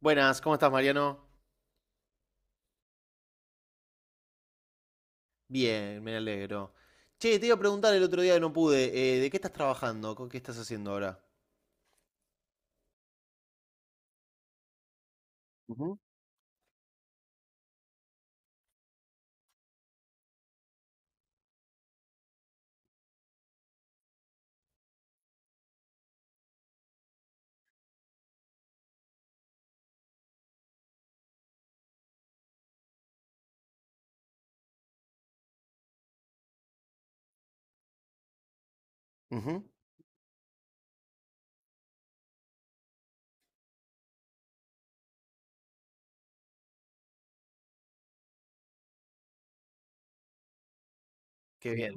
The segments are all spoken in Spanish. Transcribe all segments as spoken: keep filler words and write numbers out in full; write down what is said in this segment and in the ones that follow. Buenas, ¿cómo estás, Mariano? Bien, me alegro. Che, te iba a preguntar el otro día que no pude, eh, ¿de qué estás trabajando? ¿Con qué estás haciendo ahora? Ujú. Ujú. Qué bien.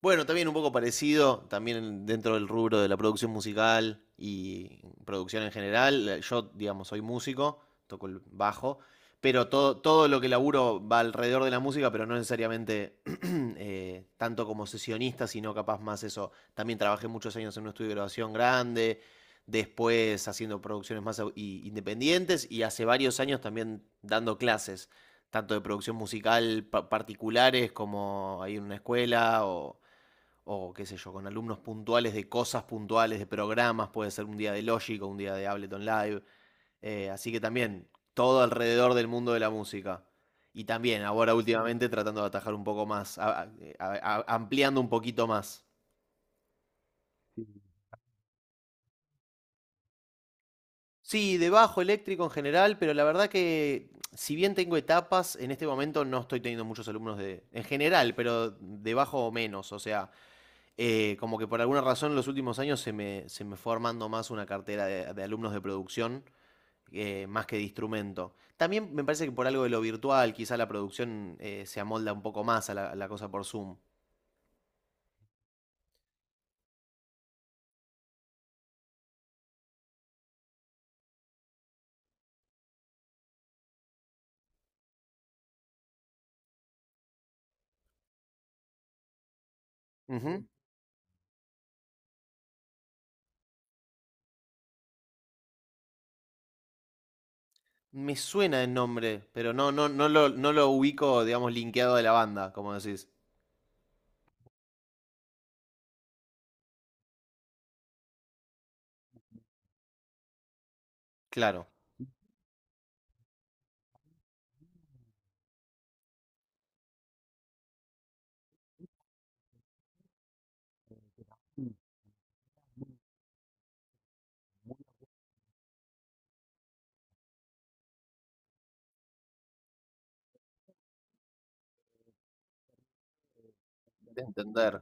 Bueno, también un poco parecido, también dentro del rubro de la producción musical y producción en general. Yo, digamos, soy músico, toco el bajo, pero todo, todo lo que laburo va alrededor de la música, pero no necesariamente eh, tanto como sesionista, sino capaz más eso. También trabajé muchos años en un estudio de grabación grande, después haciendo producciones más au- y- independientes y hace varios años también dando clases, tanto de producción musical pa- particulares como ahí en una escuela o o qué sé yo, con alumnos puntuales de cosas puntuales, de programas, puede ser un día de Logic o un día de Ableton Live. Eh, así que también, todo alrededor del mundo de la música. Y también, ahora últimamente tratando de atajar un poco más, a- a- a- ampliando un poquito más. Sí, de bajo eléctrico en general, pero la verdad que si bien tengo etapas, en este momento no estoy teniendo muchos alumnos de, en general, pero de bajo o menos. O sea, Eh, como que por alguna razón en los últimos años se me, se me fue armando más una cartera de, de alumnos de producción eh, más que de instrumento. También me parece que por algo de lo virtual, quizá la producción eh, se amolda un poco más a la, a la cosa por Zoom. Ujú. Me suena el nombre, pero no, no, no lo, no lo ubico, digamos, linkeado de la banda, como decís. Claro. De entender.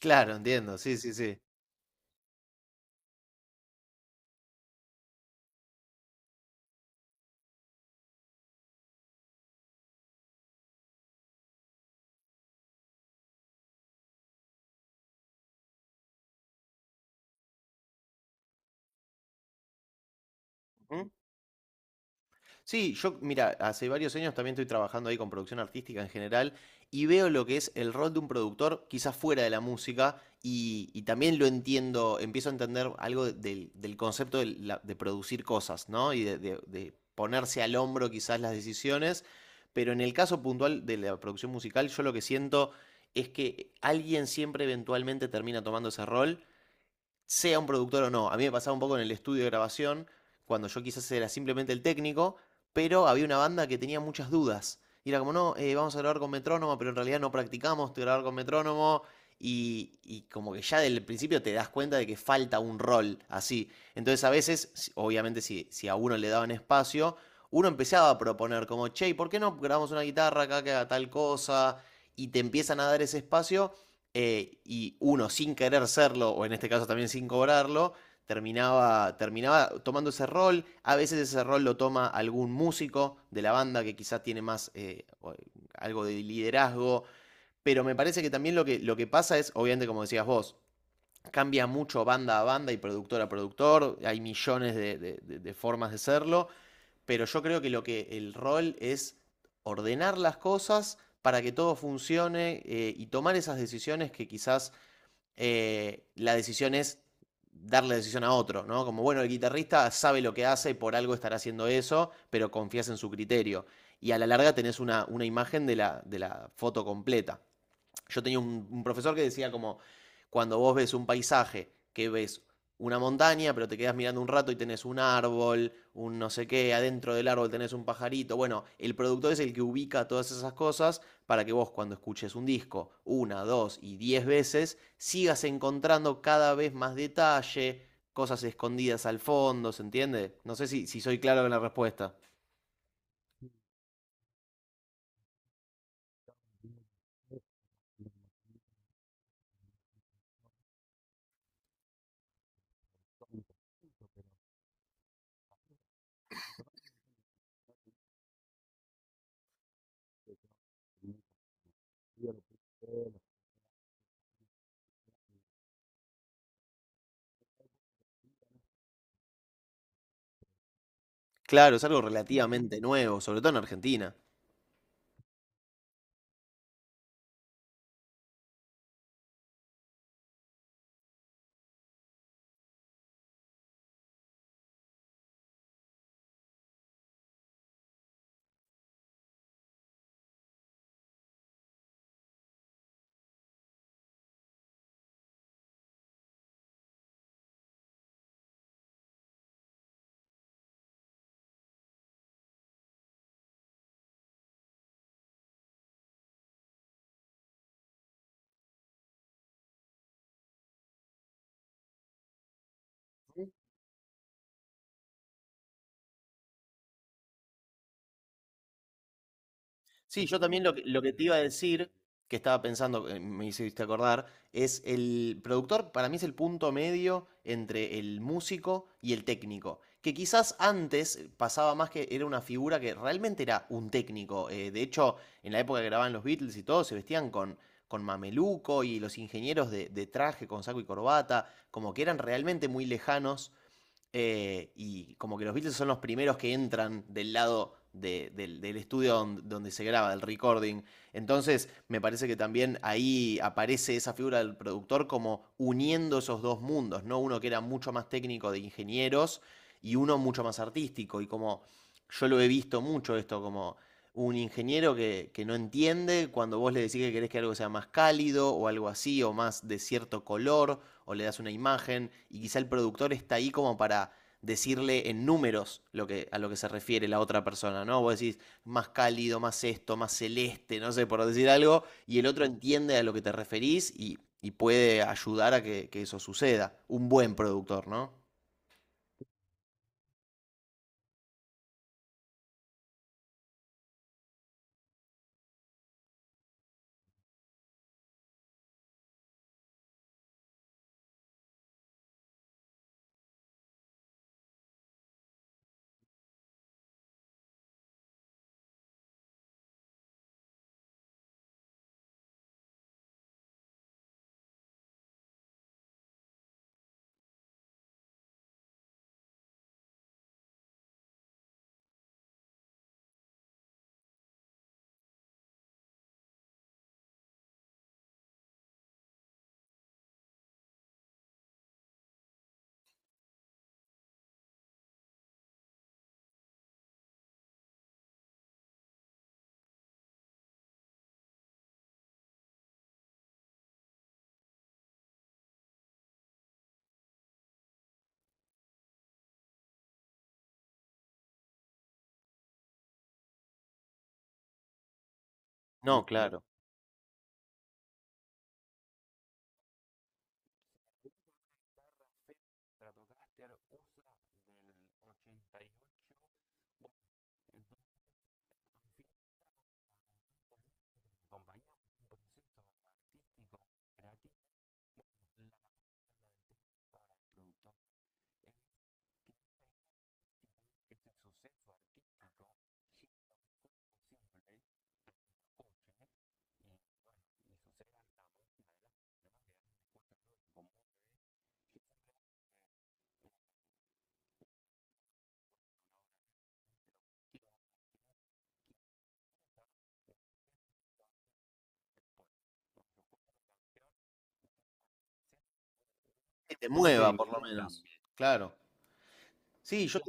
Claro, entiendo, sí, sí, sí. Sí, yo, mira, hace varios años también estoy trabajando ahí con producción artística en general y veo lo que es el rol de un productor, quizás fuera de la música, y, y también lo entiendo, empiezo a entender algo de- del, del concepto de, la- de producir cosas, ¿no? Y de, de- de ponerse al hombro quizás las decisiones, pero en el caso puntual de la producción musical, yo lo que siento es que alguien siempre eventualmente termina tomando ese rol, sea un productor o no. A mí me pasaba un poco en el estudio de grabación, cuando yo quizás era simplemente el técnico, pero había una banda que tenía muchas dudas. Y era como, no, eh, vamos a grabar con metrónomo, pero en realidad no practicamos de grabar con metrónomo. Y, y como que ya del principio te das cuenta de que falta un rol así. Entonces a veces, si- obviamente si, si a uno le daban espacio, uno empezaba a proponer como, che, ¿por qué no grabamos una guitarra acá que haga tal cosa? Y te empiezan a dar ese espacio, eh, y uno sin querer serlo, o en este caso también sin cobrarlo, terminaba, terminaba tomando ese rol. A veces ese rol lo toma algún músico de la banda que quizás tiene más eh, algo de liderazgo, pero me parece que también lo que, lo que pasa es, obviamente como decías vos, cambia mucho banda a banda y productor a productor, hay millones de, de, de, de formas de serlo, pero yo creo que lo que el rol es ordenar las cosas para que todo funcione, eh, y tomar esas decisiones que quizás eh, la decisión es darle la decisión a otro, ¿no? Como, bueno, el guitarrista sabe lo que hace y por algo estará haciendo eso, pero confías en su criterio. Y a la larga tenés una, una imagen de la, de la foto completa. Yo tenía un, un profesor que decía como, cuando vos ves un paisaje, que ves una montaña, pero te quedas mirando un rato y tenés un árbol, un no sé qué, adentro del árbol tenés un pajarito. Bueno, el productor es el que ubica todas esas cosas para que vos cuando escuches un disco una, dos y diez veces, sigas encontrando cada vez más detalle, cosas escondidas al fondo, ¿se entiende? No sé si, si soy claro en la respuesta. Claro, es algo relativamente nuevo, sobre todo en Argentina. Sí, yo también lo que, lo que te iba a decir, que estaba pensando, eh, me hiciste acordar, es el productor, para mí es el punto medio entre el músico y el técnico. Que quizás antes eh, pasaba más que era una figura que realmente era un técnico. eh, de hecho, en la época que grababan los Beatles y todo, se vestían con, con mameluco y los ingenieros de, de traje, con saco y corbata, como que eran realmente muy lejanos, eh, y como que los Beatles son los primeros que entran del lado de- del, del estudio don- donde se graba, del recording. Entonces, me parece que también ahí aparece esa figura del productor como uniendo esos dos mundos, ¿no? Uno que era mucho más técnico de ingenieros y uno mucho más artístico. Y como yo lo he visto mucho esto, como un ingeniero que, que no entiende cuando vos le decís que querés que algo sea más cálido o algo así, o más de cierto color o le das una imagen y quizá el productor está ahí como para decirle en números lo que, a lo que se refiere la otra persona, ¿no? Vos decís más cálido, más esto, más celeste, no sé, por decir algo, y el otro entiende a lo que te referís y, y puede ayudar a que, que eso suceda. Un buen productor, ¿no? No, claro. Que te mueva, por lo menos. Claro. Sí, yo.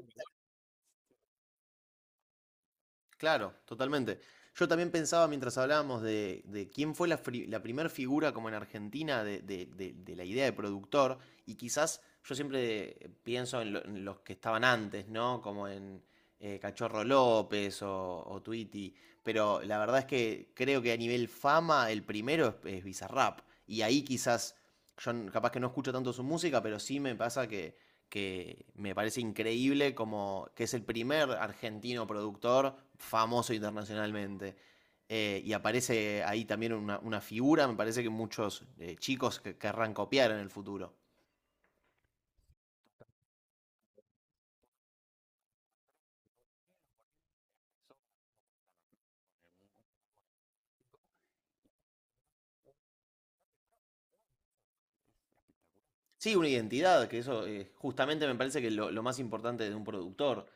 Claro, totalmente. Yo también pensaba mientras hablábamos de, de quién fue la, fri- la primer figura como en Argentina de, de- de- de la idea de productor, y quizás yo siempre eh, pienso en, lo- en los que estaban antes, ¿no? Como en eh, Cachorro López o, o Tweety, pero la verdad es que creo que a nivel fama el primero es, es Bizarrap, y ahí quizás yo n- capaz que no escucho tanto su música, pero sí me pasa que que me parece increíble como que es el primer argentino productor famoso internacionalmente. Eh, y aparece ahí también una, una figura, me parece que muchos eh, chicos que querrán copiar en el futuro. Sí, una identidad, que eso eh, justamente me parece que es lo, lo más importante de un productor.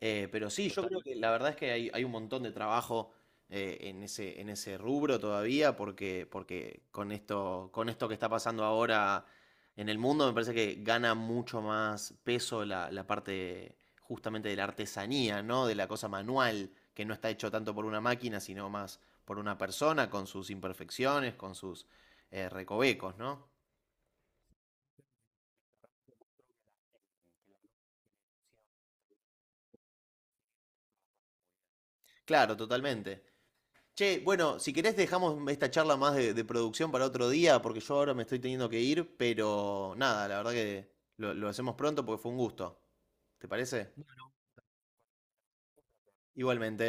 Eh, pero sí, yo creo. Totalmente. Que la verdad es que hay, hay un montón de trabajo eh, en ese, en ese rubro todavía, porque, porque con esto, con esto que está pasando ahora en el mundo, me parece que gana mucho más peso la, la parte justamente de la artesanía, ¿no? De la cosa manual, que no está hecho tanto por una máquina, sino más por una persona, con sus imperfecciones, con sus eh, recovecos, ¿no? Claro, totalmente. Che, bueno, si querés dejamos esta charla más de, de producción para otro día, porque yo ahora me estoy teniendo que ir, pero nada, la verdad que lo, lo hacemos pronto porque fue un gusto. ¿Te parece? Igualmente.